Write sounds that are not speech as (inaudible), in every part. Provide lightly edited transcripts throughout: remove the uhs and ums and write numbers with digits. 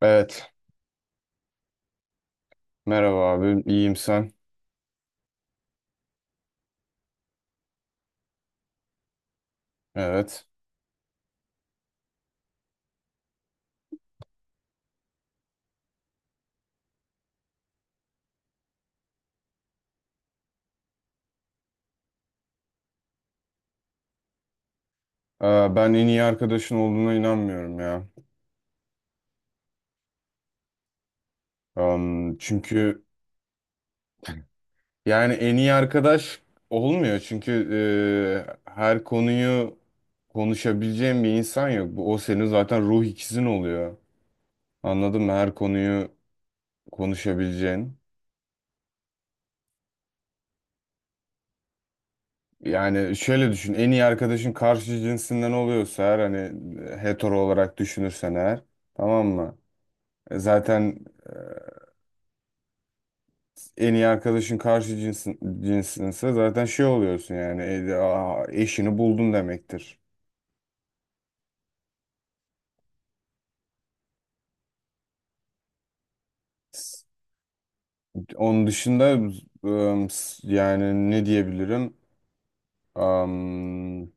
Evet. Merhaba abi. İyiyim, sen? Evet. Ee, Ben en iyi arkadaşın olduğuna inanmıyorum ya. Çünkü yani en iyi arkadaş olmuyor. Çünkü her konuyu konuşabileceğin bir insan yok. O senin zaten ruh ikizin oluyor. Anladın mı? Her konuyu konuşabileceğin. Yani şöyle düşün. En iyi arkadaşın karşı cinsinden oluyorsa eğer, hani hetero olarak düşünürsen eğer, tamam mı? Zaten e, en iyi arkadaşın karşı cinsinse zaten şey oluyorsun, yani eşini buldun demektir. Onun dışında yani ne diyebilirim? Am,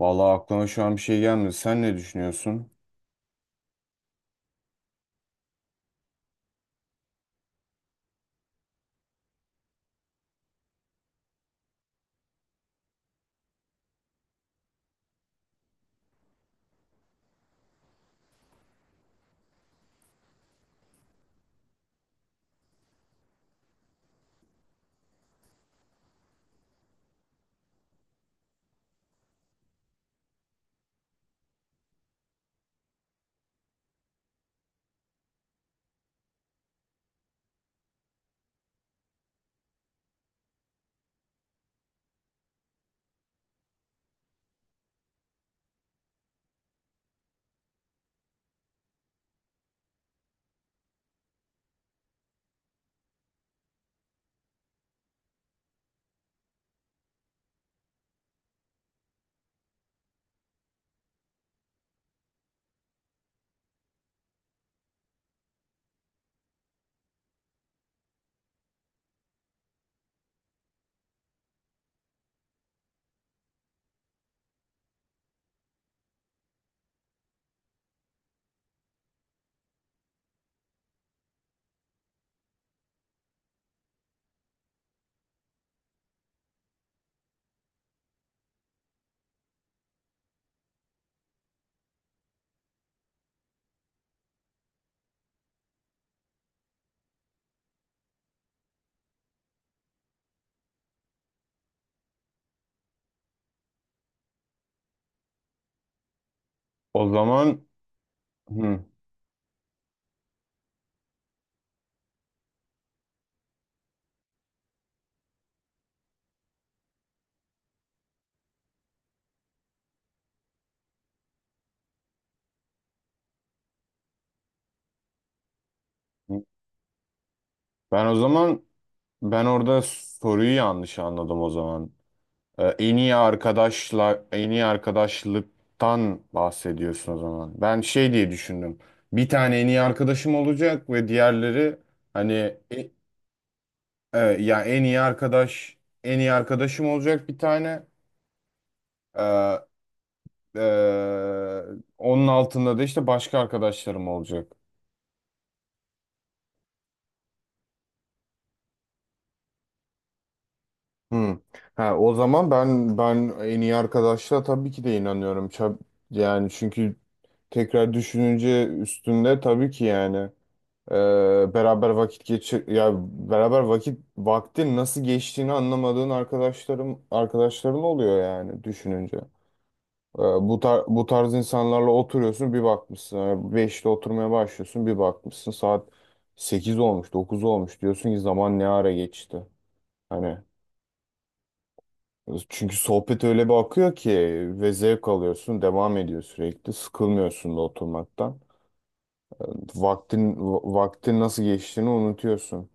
Vallahi aklıma şu an bir şey gelmedi. Sen ne düşünüyorsun? O zaman hı, ben o zaman ben orada soruyu yanlış anladım o zaman. En iyi arkadaşlıktan bahsediyorsun o zaman. Ben şey diye düşündüm. Bir tane en iyi arkadaşım olacak ve diğerleri hani e, ya en iyi arkadaşım olacak, bir tane. Ee, e, Onun altında da işte başka arkadaşlarım olacak. Hı. Ha, o zaman ben en iyi arkadaşla tabii ki de inanıyorum. Yani çünkü tekrar düşününce üstünde tabii ki, yani. Ee, beraber vakit geçir ya beraber vakit vaktin nasıl geçtiğini anlamadığın arkadaşların oluyor, yani düşününce. Bu tarz insanlarla oturuyorsun bir bakmışsın. Yani 5'te oturmaya başlıyorsun, bir bakmışsın saat 8 olmuş, 9 olmuş, diyorsun ki zaman ne ara geçti. Hani, çünkü sohbet öyle bir akıyor ki ve zevk alıyorsun, devam ediyor, sürekli sıkılmıyorsun da oturmaktan. Vaktin nasıl geçtiğini unutuyorsun.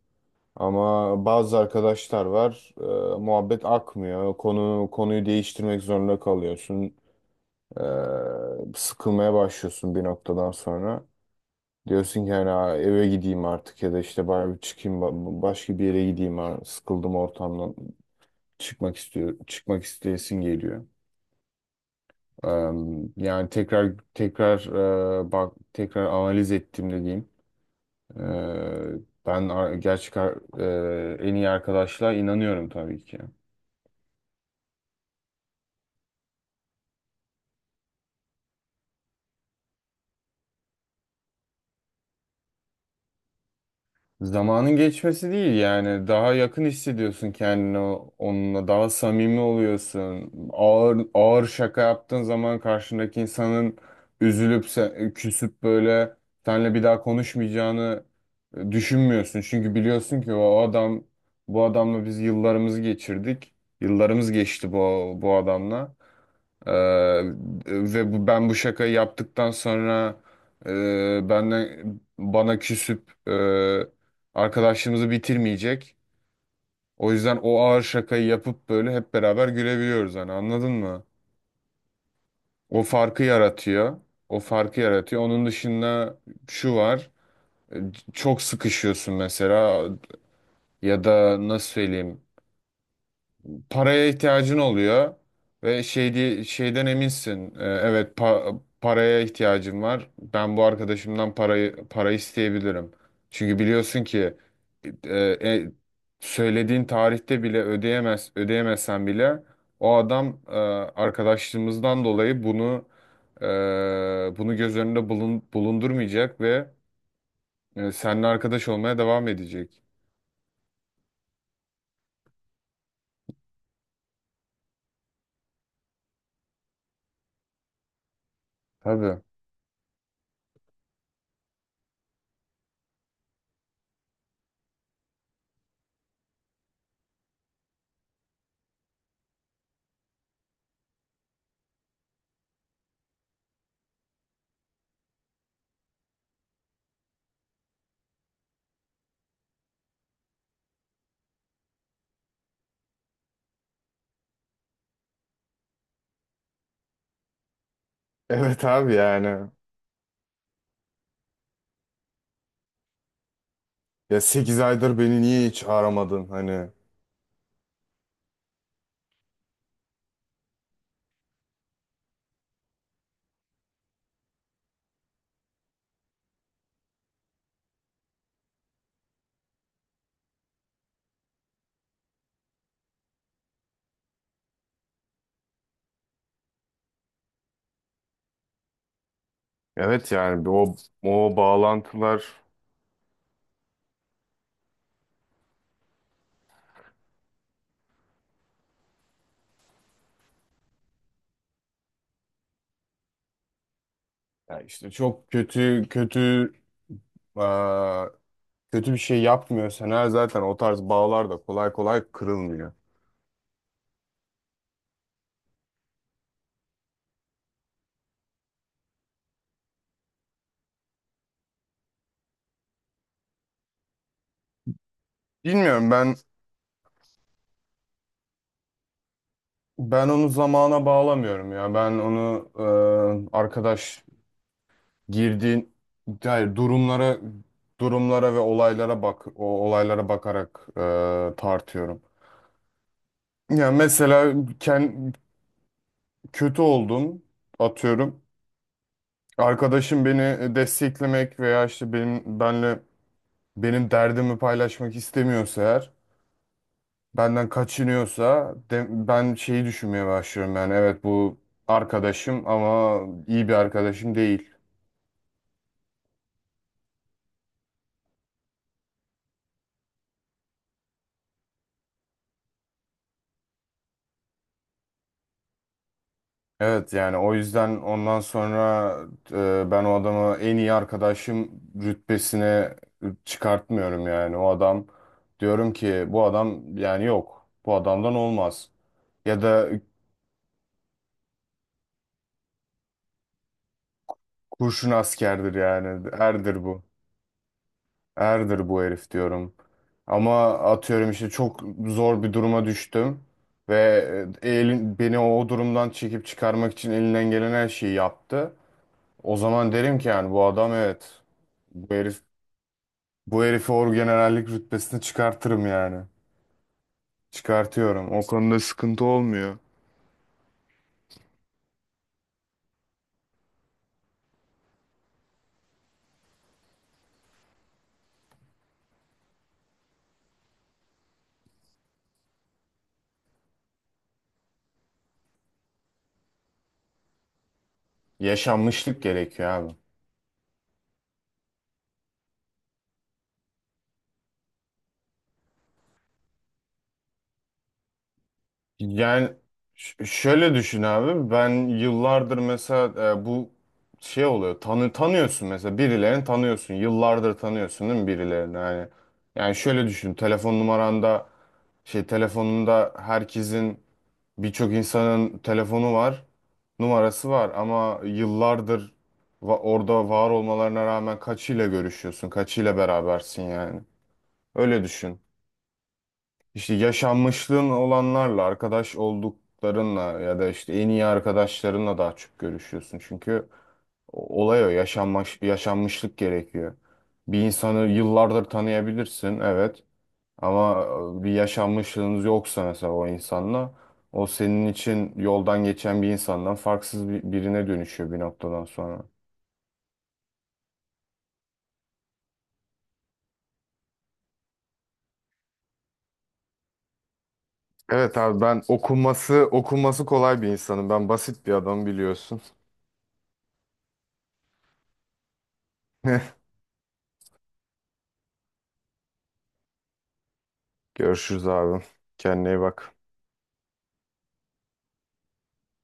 Ama bazı arkadaşlar var, muhabbet akmıyor. Konuyu değiştirmek zorunda kalıyorsun. E, Sıkılmaya başlıyorsun bir noktadan sonra. Diyorsun ki hani, Eve gideyim artık ya da işte bari bir çıkayım başka bir yere gideyim, ha. Sıkıldım ortamdan." Çıkmak isteyesin geliyor. E, Yani, tekrar tekrar, bak, tekrar analiz ettiğimde diyeyim. E, ben ar- gerçek ar- e, en iyi arkadaşlığa inanıyorum tabii ki. Zamanın geçmesi değil, yani daha yakın hissediyorsun kendini, onunla daha samimi oluyorsun. Ağır ağır şaka yaptığın zaman karşındaki insanın üzülüp küsüp böyle seninle bir daha konuşmayacağını düşünmüyorsun. Çünkü biliyorsun ki o adam bu adamla biz yıllarımızı geçirdik. Yıllarımız geçti bu adamla. Ee, ve ben bu şakayı yaptıktan sonra e, benden bana küsüp arkadaşlığımızı bitirmeyecek. O yüzden o ağır şakayı yapıp böyle hep beraber gülebiliyoruz hani, anladın mı? O farkı yaratıyor. O farkı yaratıyor. Onun dışında şu var. e, Çok sıkışıyorsun mesela, ya da nasıl söyleyeyim? Paraya ihtiyacın oluyor ve şeyden eminsin. Evet, paraya ihtiyacım var. Ben bu arkadaşımdan para isteyebilirim. Çünkü biliyorsun ki e, e, söylediğin tarihte bile ödeyemezsen bile o adam arkadaşlığımızdan dolayı e, bunu göz önünde bulundurmayacak ve seninle arkadaş olmaya devam edecek. Tabii. Evet abi, yani. Ya 8 aydır beni niye hiç aramadın hani? Evet, yani o bağlantılar. Ya işte çok kötü kötü, eee, kötü bir şey yapmıyorsan eğer zaten, o tarz bağlar da kolay kolay kırılmıyor. Bilmiyorum. Ben onu zamana bağlamıyorum ya. Ben onu arkadaş girdiğin, hayır, durumlara, ve olaylara bak, o olaylara bakarak tartıyorum. Ya mesela kötü oldum, atıyorum. Arkadaşım beni desteklemek veya işte benim derdimi paylaşmak istemiyorsa eğer, benden kaçınıyorsa, ben şeyi düşünmeye başlıyorum, yani evet, bu arkadaşım ama iyi bir arkadaşım değil. Evet, yani o yüzden ondan sonra ben o adamı en iyi arkadaşım rütbesine çıkartmıyorum, yani o adam, diyorum ki bu adam, yani yok, bu adamdan olmaz. Ya da kurşun askerdir, yani. Erdir bu. Erdir bu herif, diyorum. Ama atıyorum, işte çok zor bir duruma düştüm. Ve beni o durumdan çekip çıkarmak için elinden gelen her şeyi yaptı. O zaman derim ki, yani bu adam, evet. Bu herif, bu herifi orgenerallik rütbesine çıkartırım, yani. Çıkartıyorum. O konuda sıkıntı olmuyor. Yaşanmışlık gerekiyor abi. Yani şöyle düşün abi, ben yıllardır mesela, bu şey oluyor, tanıyorsun mesela birilerini, tanıyorsun yıllardır, tanıyorsun değil mi birilerini, yani, şöyle düşün, telefon numaranda, şey, telefonunda herkesin, birçok insanın telefonu var, numarası var, ama yıllardır orada var olmalarına rağmen kaçıyla görüşüyorsun, kaçıyla berabersin, yani öyle düşün. İşte yaşanmışlığın olanlarla, arkadaş olduklarınla ya da işte en iyi arkadaşlarınla daha çok görüşüyorsun. Çünkü yaşanmışlık gerekiyor. Bir insanı yıllardır tanıyabilirsin, evet. Ama bir yaşanmışlığınız yoksa mesela o insanla, o senin için yoldan geçen bir insandan farksız birine dönüşüyor bir noktadan sonra. Evet abi, ben okuması kolay bir insanım. Ben basit bir adam, biliyorsun. (laughs) Görüşürüz abi. Kendine iyi bak.